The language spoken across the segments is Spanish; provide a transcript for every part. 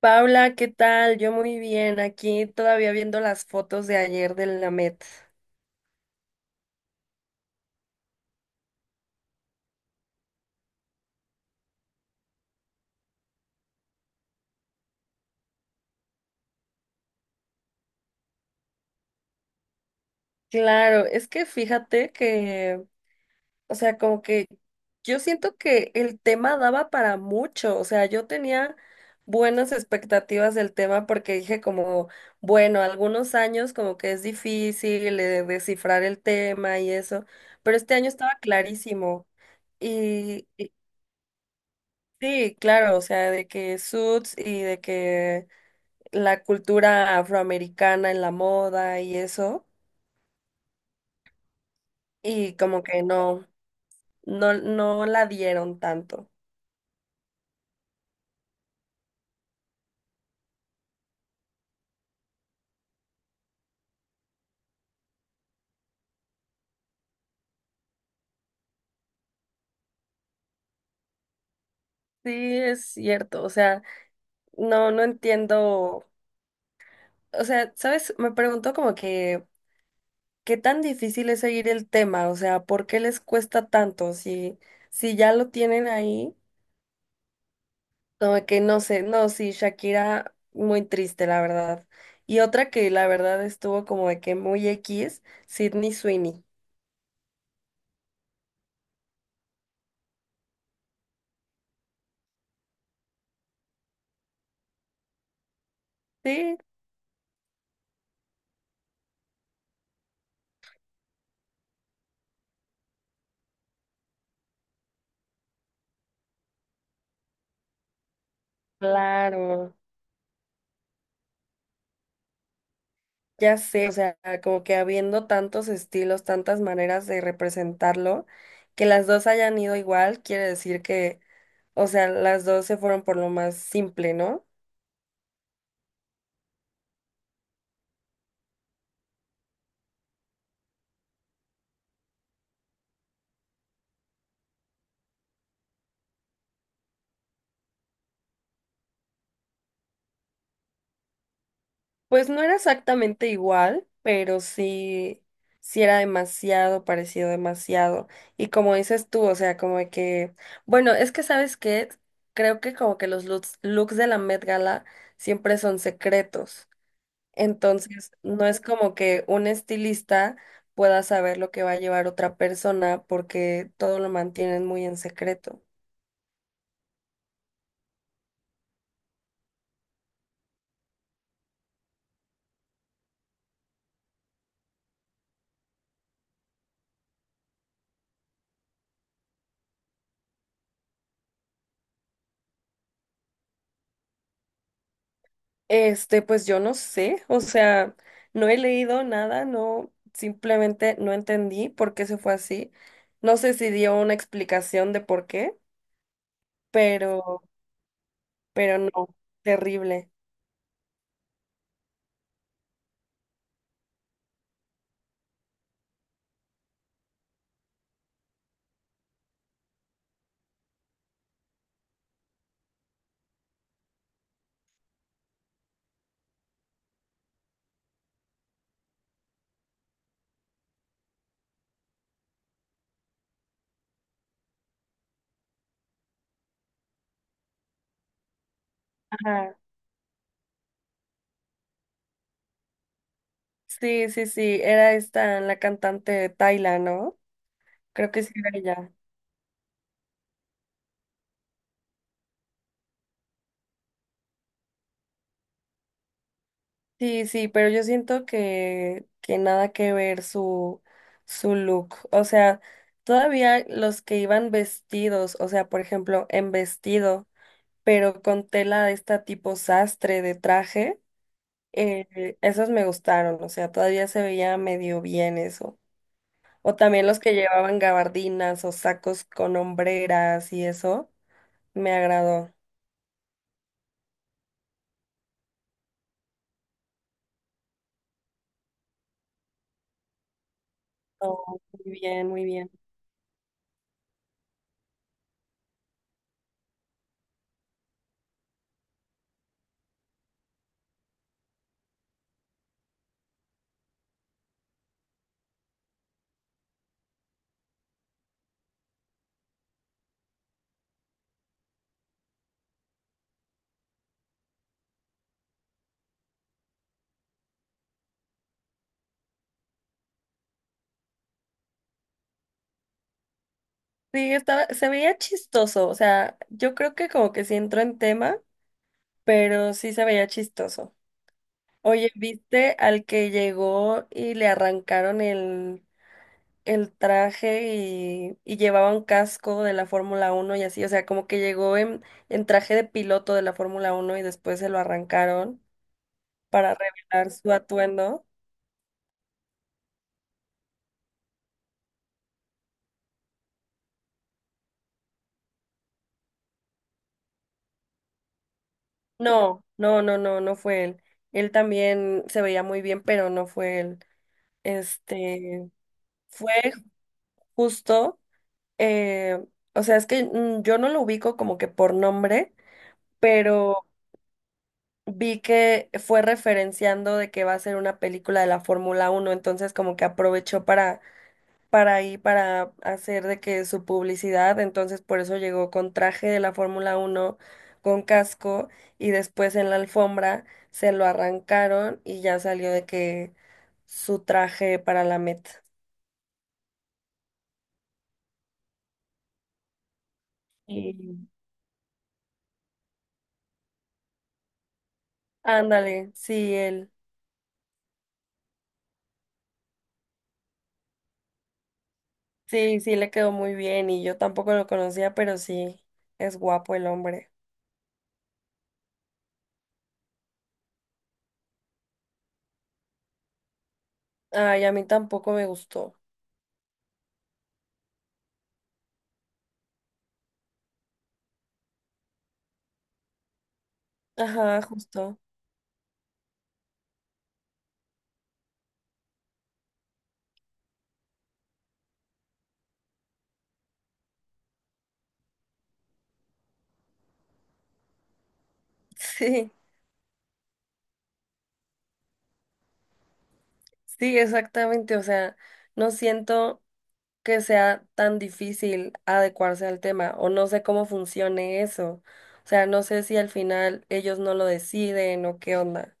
Paula, ¿qué tal? Yo muy bien, aquí todavía viendo las fotos de ayer de la Met. Claro, es que fíjate que, o sea, como que yo siento que el tema daba para mucho. O sea, yo tenía buenas expectativas del tema porque dije como, bueno, algunos años como que es difícil descifrar el tema y eso, pero este año estaba clarísimo. Y sí, claro, o sea, de que Suits y de que la cultura afroamericana en la moda y eso, y como que no, no la dieron tanto. Sí, es cierto, o sea, no entiendo, o sea, ¿sabes? Me pregunto como que, ¿qué tan difícil es seguir el tema? O sea, ¿por qué les cuesta tanto? Si, si ya lo tienen ahí, como que no sé, no, sí, Shakira, muy triste, la verdad. Y otra que la verdad estuvo como de que muy X, Sydney Sweeney. Sí, claro, ya sé, o sea, como que habiendo tantos estilos, tantas maneras de representarlo, que las dos hayan ido igual, quiere decir que, o sea, las dos se fueron por lo más simple, ¿no? Pues no era exactamente igual, pero sí, sí era demasiado parecido, demasiado. Y como dices tú, o sea, como de que, bueno, es que sabes que creo que como que los looks de la Met Gala siempre son secretos. Entonces, no es como que un estilista pueda saber lo que va a llevar otra persona porque todo lo mantienen muy en secreto. Pues yo no sé, o sea, no he leído nada, no, simplemente no entendí por qué se fue así. No sé si dio una explicación de por qué, pero, pero no, terrible. Ajá. Sí, sí, sí, era esta la cantante Tayla, ¿no? Creo que sí era ella. Sí, sí, pero yo siento que nada que ver su, su look. O sea, todavía los que iban vestidos, o sea, por ejemplo, en vestido, pero con tela de esta tipo sastre de traje, esos me gustaron. O sea, todavía se veía medio bien eso. O también los que llevaban gabardinas o sacos con hombreras y eso, me agradó. Oh, muy bien, muy bien. Sí, estaba, se veía chistoso, o sea, yo creo que como que sí entró en tema, pero sí se veía chistoso. Oye, ¿viste al que llegó y le arrancaron el traje y llevaba un casco de la Fórmula uno y así? O sea, como que llegó en traje de piloto de la Fórmula uno y después se lo arrancaron para revelar su atuendo. No fue él. Él también se veía muy bien, pero no fue él. Este fue justo eh, o sea, es que yo no lo ubico como que por nombre, pero vi que fue referenciando de que va a ser una película de la Fórmula Uno, entonces como que aprovechó para ahí, para hacer de que su publicidad. Entonces por eso llegó con traje de la Fórmula Uno con casco, y después en la alfombra se lo arrancaron y ya salió de que su traje para la Met y Ándale, sí, él. Sí, sí, le quedó muy bien y yo tampoco lo conocía, pero sí, es guapo el hombre. Ay, a mí tampoco me gustó. Ajá, justo. Sí, sí, exactamente. O sea, no siento que sea tan difícil adecuarse al tema o no sé cómo funcione eso. O sea, no sé si al final ellos no lo deciden o qué onda.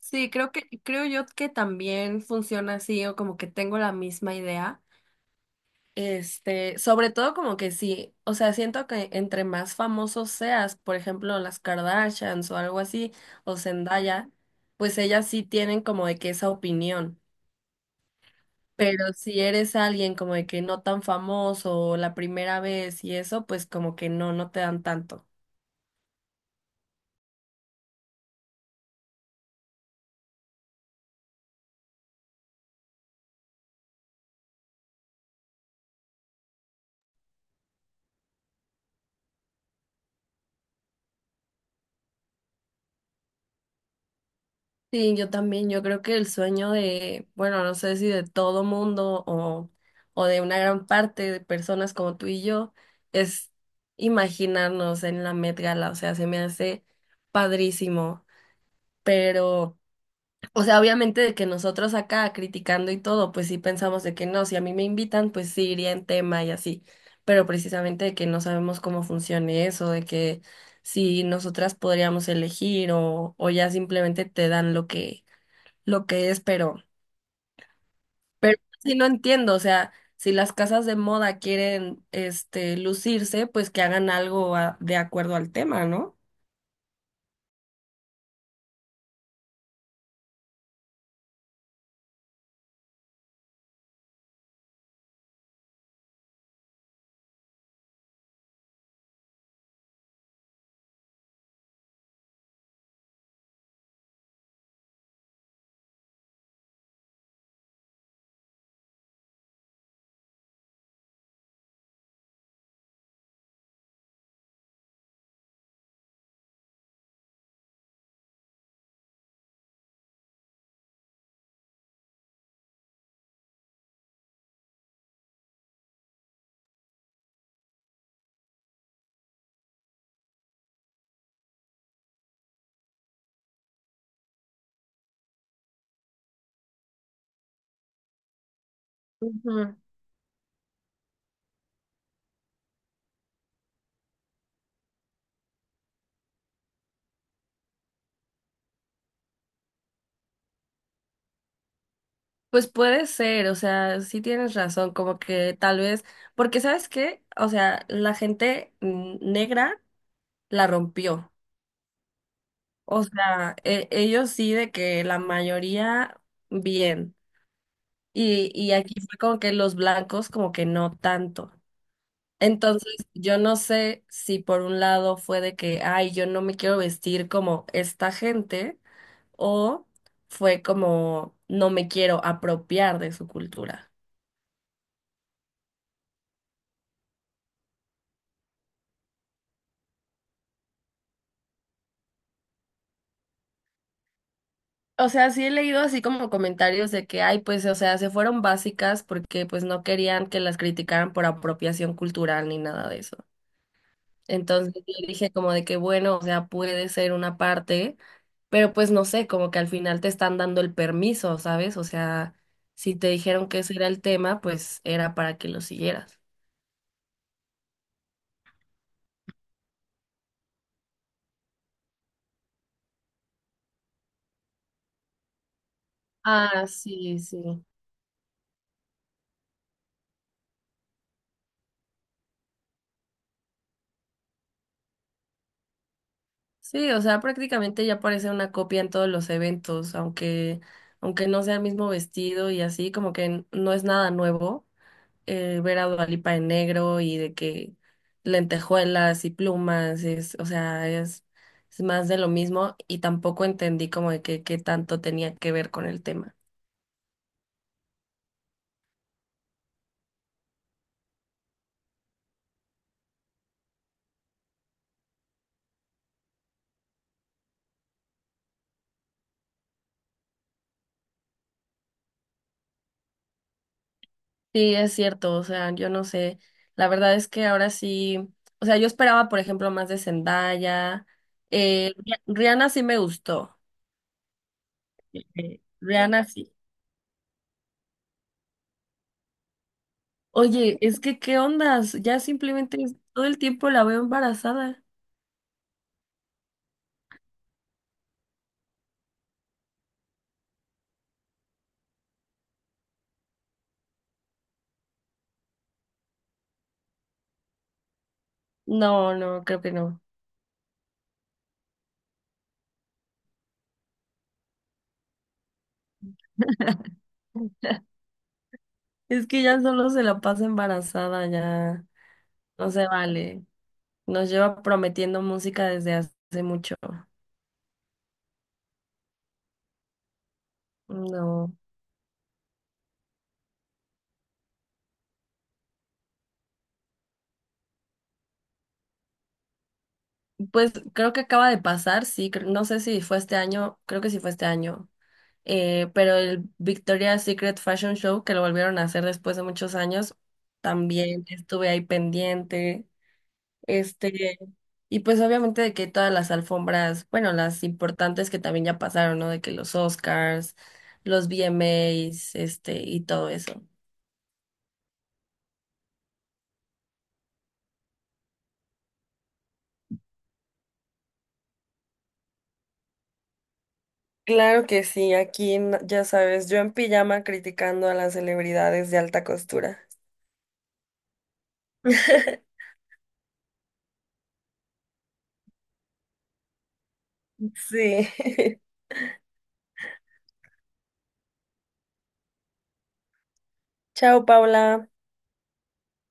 Sí, creo que, creo yo que también funciona así, o como que tengo la misma idea. Sobre todo como que sí, o sea, siento que entre más famosos seas, por ejemplo, las Kardashians o algo así, o Zendaya, pues ellas sí tienen como de que esa opinión. Pero si eres alguien como de que no tan famoso o la primera vez y eso, pues como que no, no te dan tanto. Sí, yo también, yo creo que el sueño de, bueno, no sé si de todo mundo o de una gran parte de personas como tú y yo, es imaginarnos en la Met Gala. O sea, se me hace padrísimo, pero, o sea, obviamente de que nosotros acá criticando y todo, pues sí pensamos de que no, si a mí me invitan, pues sí iría en tema y así, pero precisamente de que no sabemos cómo funcione eso, de que si nosotras podríamos elegir o ya simplemente te dan lo que es, pero sí no entiendo. O sea, si las casas de moda quieren, lucirse, pues que hagan algo a- de acuerdo al tema, ¿no? Ujú. Pues puede ser, o sea, sí tienes razón, como que tal vez, porque ¿sabes qué? O sea, la gente negra la rompió, o sea, e- ellos sí de que la mayoría bien, y aquí fue como que los blancos como que no tanto. Entonces, yo no sé si por un lado fue de que, ay, yo no me quiero vestir como esta gente, o fue como, no me quiero apropiar de su cultura. O sea, sí he leído así como comentarios de que, ay, pues, o sea, se fueron básicas porque pues no querían que las criticaran por apropiación cultural ni nada de eso. Entonces yo dije como de que bueno, o sea, puede ser una parte, pero pues no sé, como que al final te están dando el permiso, ¿sabes? O sea, si te dijeron que ese era el tema, pues era para que lo siguieras. Ah, sí, sí. Sí, o sea, prácticamente ya parece una copia en todos los eventos, aunque, aunque no sea el mismo vestido y así, como que n- no es nada nuevo. Ver a Dua Lipa en negro y de que lentejuelas y plumas, es, o sea, es más de lo mismo y tampoco entendí como de que qué tanto tenía que ver con el tema. Sí, es cierto, o sea, yo no sé, la verdad es que ahora sí, o sea, yo esperaba, por ejemplo, más de Zendaya, Rihanna sí me gustó, Rihanna sí. Oye, es que, ¿qué ondas? Ya simplemente todo el tiempo la veo embarazada. No, no, creo que no. Es que ya solo se la pasa embarazada, ya no se vale. Nos lleva prometiendo música desde hace mucho. No. Pues creo que acaba de pasar, sí, cre- no sé si fue este año, creo que sí fue este año. Pero el Victoria's Secret Fashion Show, que lo volvieron a hacer después de muchos años, también estuve ahí pendiente. Este, y pues obviamente de que todas las alfombras, bueno, las importantes que también ya pasaron, ¿no? De que los Oscars, los VMAs, y todo eso. Claro que sí, aquí n- ya sabes, yo en pijama criticando a las celebridades de alta costura. Sí. Chao, Paula.